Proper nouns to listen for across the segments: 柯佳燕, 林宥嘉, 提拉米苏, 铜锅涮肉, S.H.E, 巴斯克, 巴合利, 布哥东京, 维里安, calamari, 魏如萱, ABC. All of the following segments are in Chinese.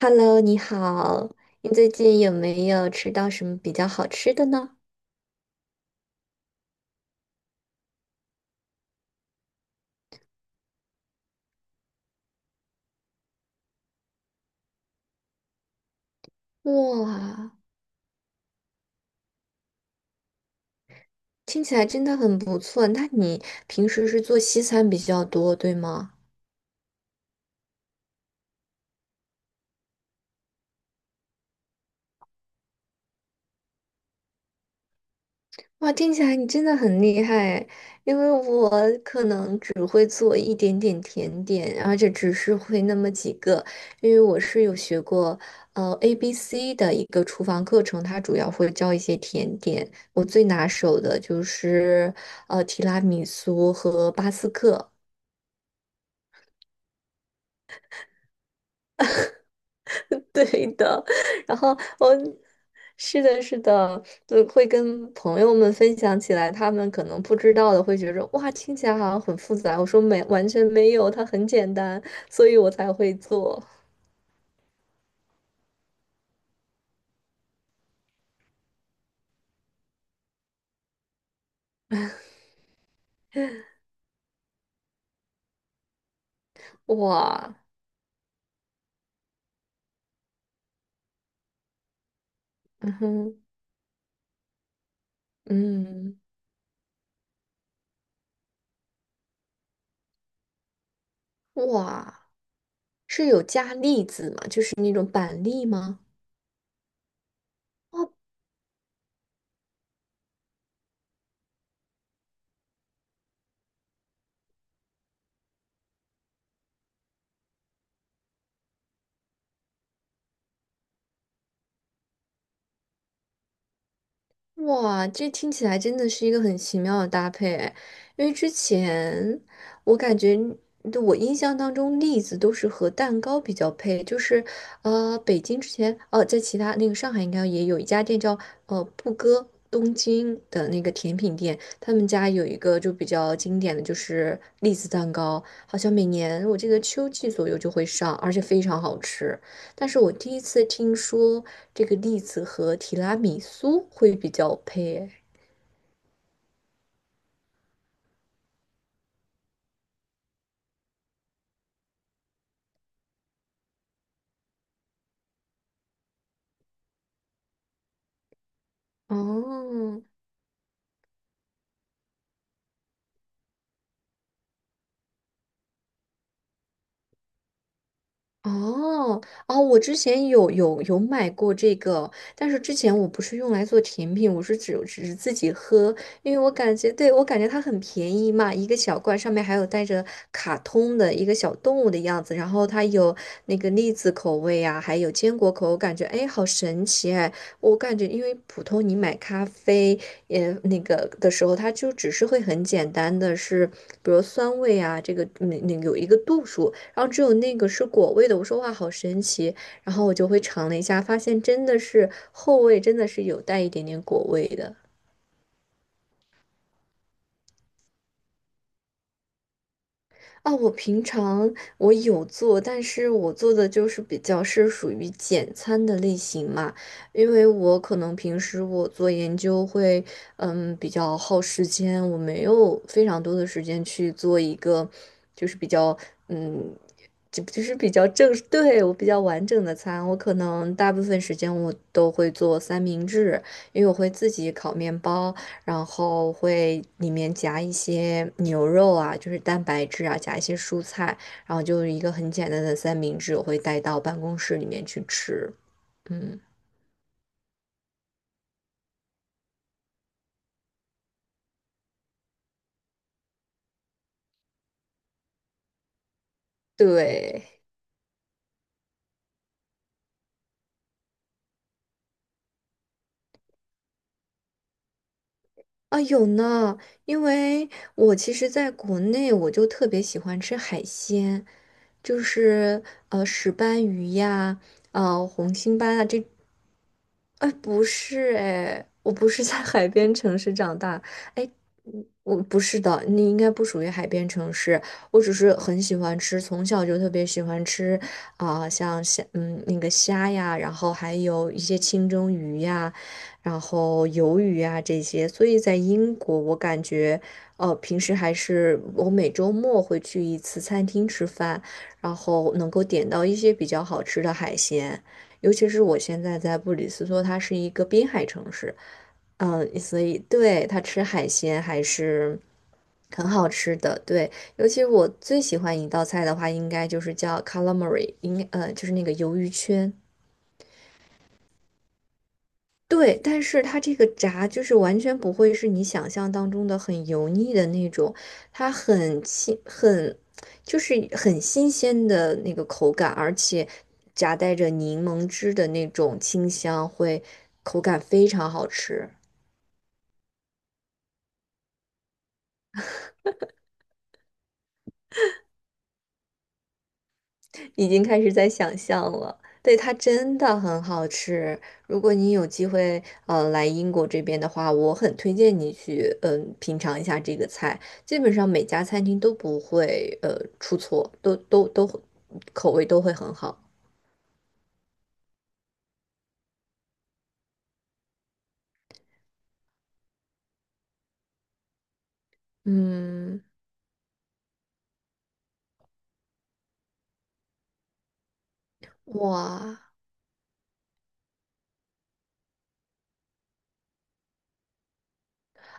Hello，你好。你最近有没有吃到什么比较好吃的呢？哇，听起来真的很不错。那你平时是做西餐比较多，对吗？哇，听起来你真的很厉害，因为我可能只会做一点点甜点，而且只是会那么几个，因为我是有学过ABC 的一个厨房课程，它主要会教一些甜点。我最拿手的就是提拉米苏和巴斯克。对的。然后我是的，是的，就会跟朋友们分享起来，他们可能不知道的会觉得哇，听起来好像很复杂。我说没，完全没有，它很简单，所以我才会做。哇。嗯哼。嗯。哇，是有加粒子吗？就是那种板栗吗？哦。哇，这听起来真的是一个很奇妙的搭配哎。因为之前我感觉，对，我印象当中栗子都是和蛋糕比较配，就是北京之前哦，在其他那个上海应该也有一家店叫布哥东京的那个甜品店，他们家有一个就比较经典的就是栗子蛋糕，好像每年我记得秋季左右就会上，而且非常好吃。但是我第一次听说这个栗子和提拉米苏会比较配诶。哦。哦哦，我之前有买过这个，但是之前我不是用来做甜品，我是只是自己喝，因为我感觉，对，我感觉它很便宜嘛，一个小罐上面还有带着卡通的一个小动物的样子，然后它有那个栗子口味啊，还有坚果口，我感觉哎，好神奇哎。我感觉因为普通你买咖啡也那个的时候，它就只是会很简单的是，比如酸味啊，这个那个有一个度数。然后只有那个是果味的。我说哇，好神奇！然后我就会尝了一下，发现真的是后味真的是有带一点点果味的。啊，我平常我有做，但是我做的就是比较是属于简餐的类型嘛。因为我可能平时我做研究会，嗯，比较耗时间，我没有非常多的时间去做一个，就是比较，嗯，就是比较正，对，我比较完整的餐，我可能大部分时间我都会做三明治，因为我会自己烤面包。然后会里面夹一些牛肉啊，就是蛋白质啊，夹一些蔬菜，然后就是一个很简单的三明治，我会带到办公室里面去吃。嗯。对。啊，有呢，因为我其实在国内我就特别喜欢吃海鲜，就是石斑鱼呀，红心斑啊，这哎，不是哎，我不是在海边城市长大。哎，嗯，我不是的，你应该不属于海边城市。我只是很喜欢吃，从小就特别喜欢吃像虾，嗯，那个虾呀，然后还有一些清蒸鱼呀，然后鱿鱼呀这些。所以在英国，我感觉，哦，平时还是我每周末会去一次餐厅吃饭，然后能够点到一些比较好吃的海鲜。尤其是我现在在布里斯托，它是一个滨海城市，嗯，所以对它吃海鲜还是很好吃的。对，尤其我最喜欢一道菜的话，应该就是叫 calamari，应该就是那个鱿鱼圈。对，但是它这个炸就是完全不会是你想象当中的很油腻的那种，它很新，很就是很新鲜的那个口感，而且夹带着柠檬汁的那种清香，会口感非常好吃。已经开始在想象了。对，它真的很好吃。如果你有机会，来英国这边的话，我很推荐你去，品尝一下这个菜。基本上每家餐厅都不会，出错，都口味都会很好。嗯。哇。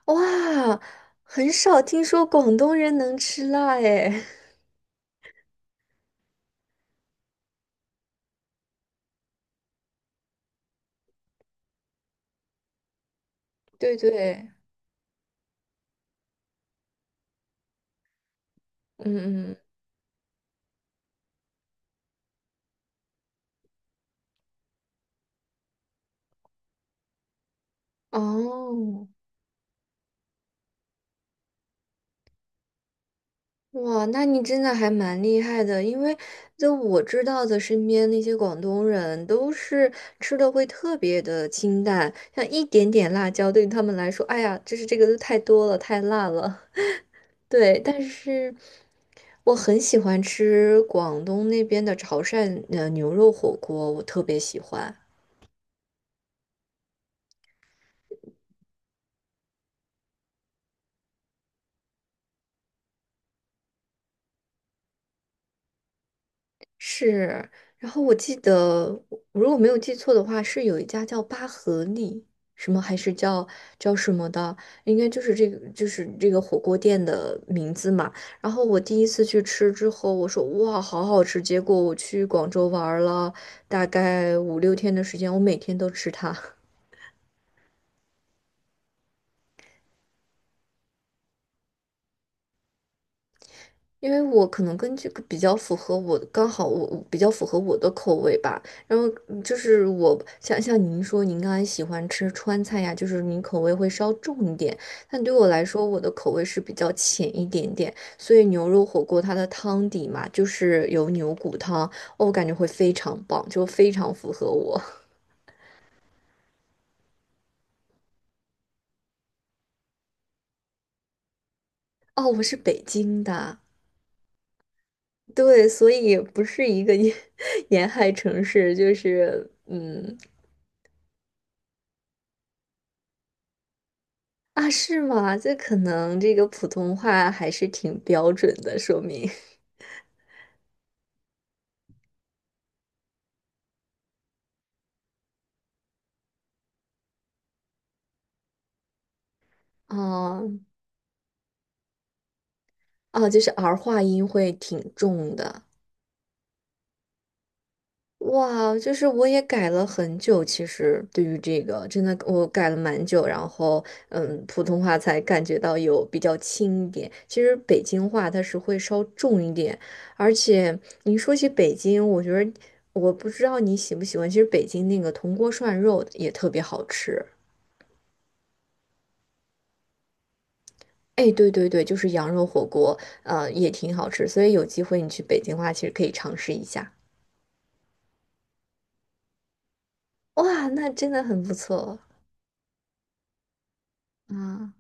哇，很少听说广东人能吃辣诶。对对。嗯嗯。哦。哇，那你真的还蛮厉害的，因为就我知道的，身边那些广东人都是吃的会特别的清淡，像一点点辣椒对于他们来说，哎呀，就是这个都太多了，太辣了。对，但是我很喜欢吃广东那边的潮汕牛肉火锅，我特别喜欢。是，然后我记得，我如果没有记错的话，是有一家叫巴合利，什么还是叫什么的，应该就是这个，就是这个火锅店的名字嘛。然后我第一次去吃之后，我说哇，好好吃。结果我去广州玩儿了大概五六天的时间，我每天都吃它。因为我可能跟这个比较符合我，刚好我比较符合我的口味吧。然后就是我像您说，您刚才喜欢吃川菜呀，就是您口味会稍重一点。但对我来说，我的口味是比较浅一点点，所以牛肉火锅它的汤底嘛，就是有牛骨汤，哦，我感觉会非常棒，就非常符合我。哦，我是北京的。对，所以不是一个沿 沿海城市，就是嗯，啊，是吗？这可能这个普通话还是挺标准的，说明。哦。哦，就是儿化音会挺重的。哇，就是我也改了很久，其实对于这个，真的我改了蛮久，然后嗯，普通话才感觉到有比较轻一点。其实北京话它是会稍重一点，而且你说起北京，我觉得我不知道你喜不喜欢，其实北京那个铜锅涮肉也特别好吃。哎，对对对，就是羊肉火锅，也挺好吃，所以有机会你去北京的话，其实可以尝试一下。哇，那真的很不错啊！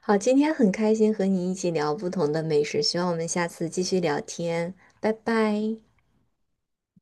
好，今天很开心和你一起聊不同的美食，希望我们下次继续聊天，拜拜。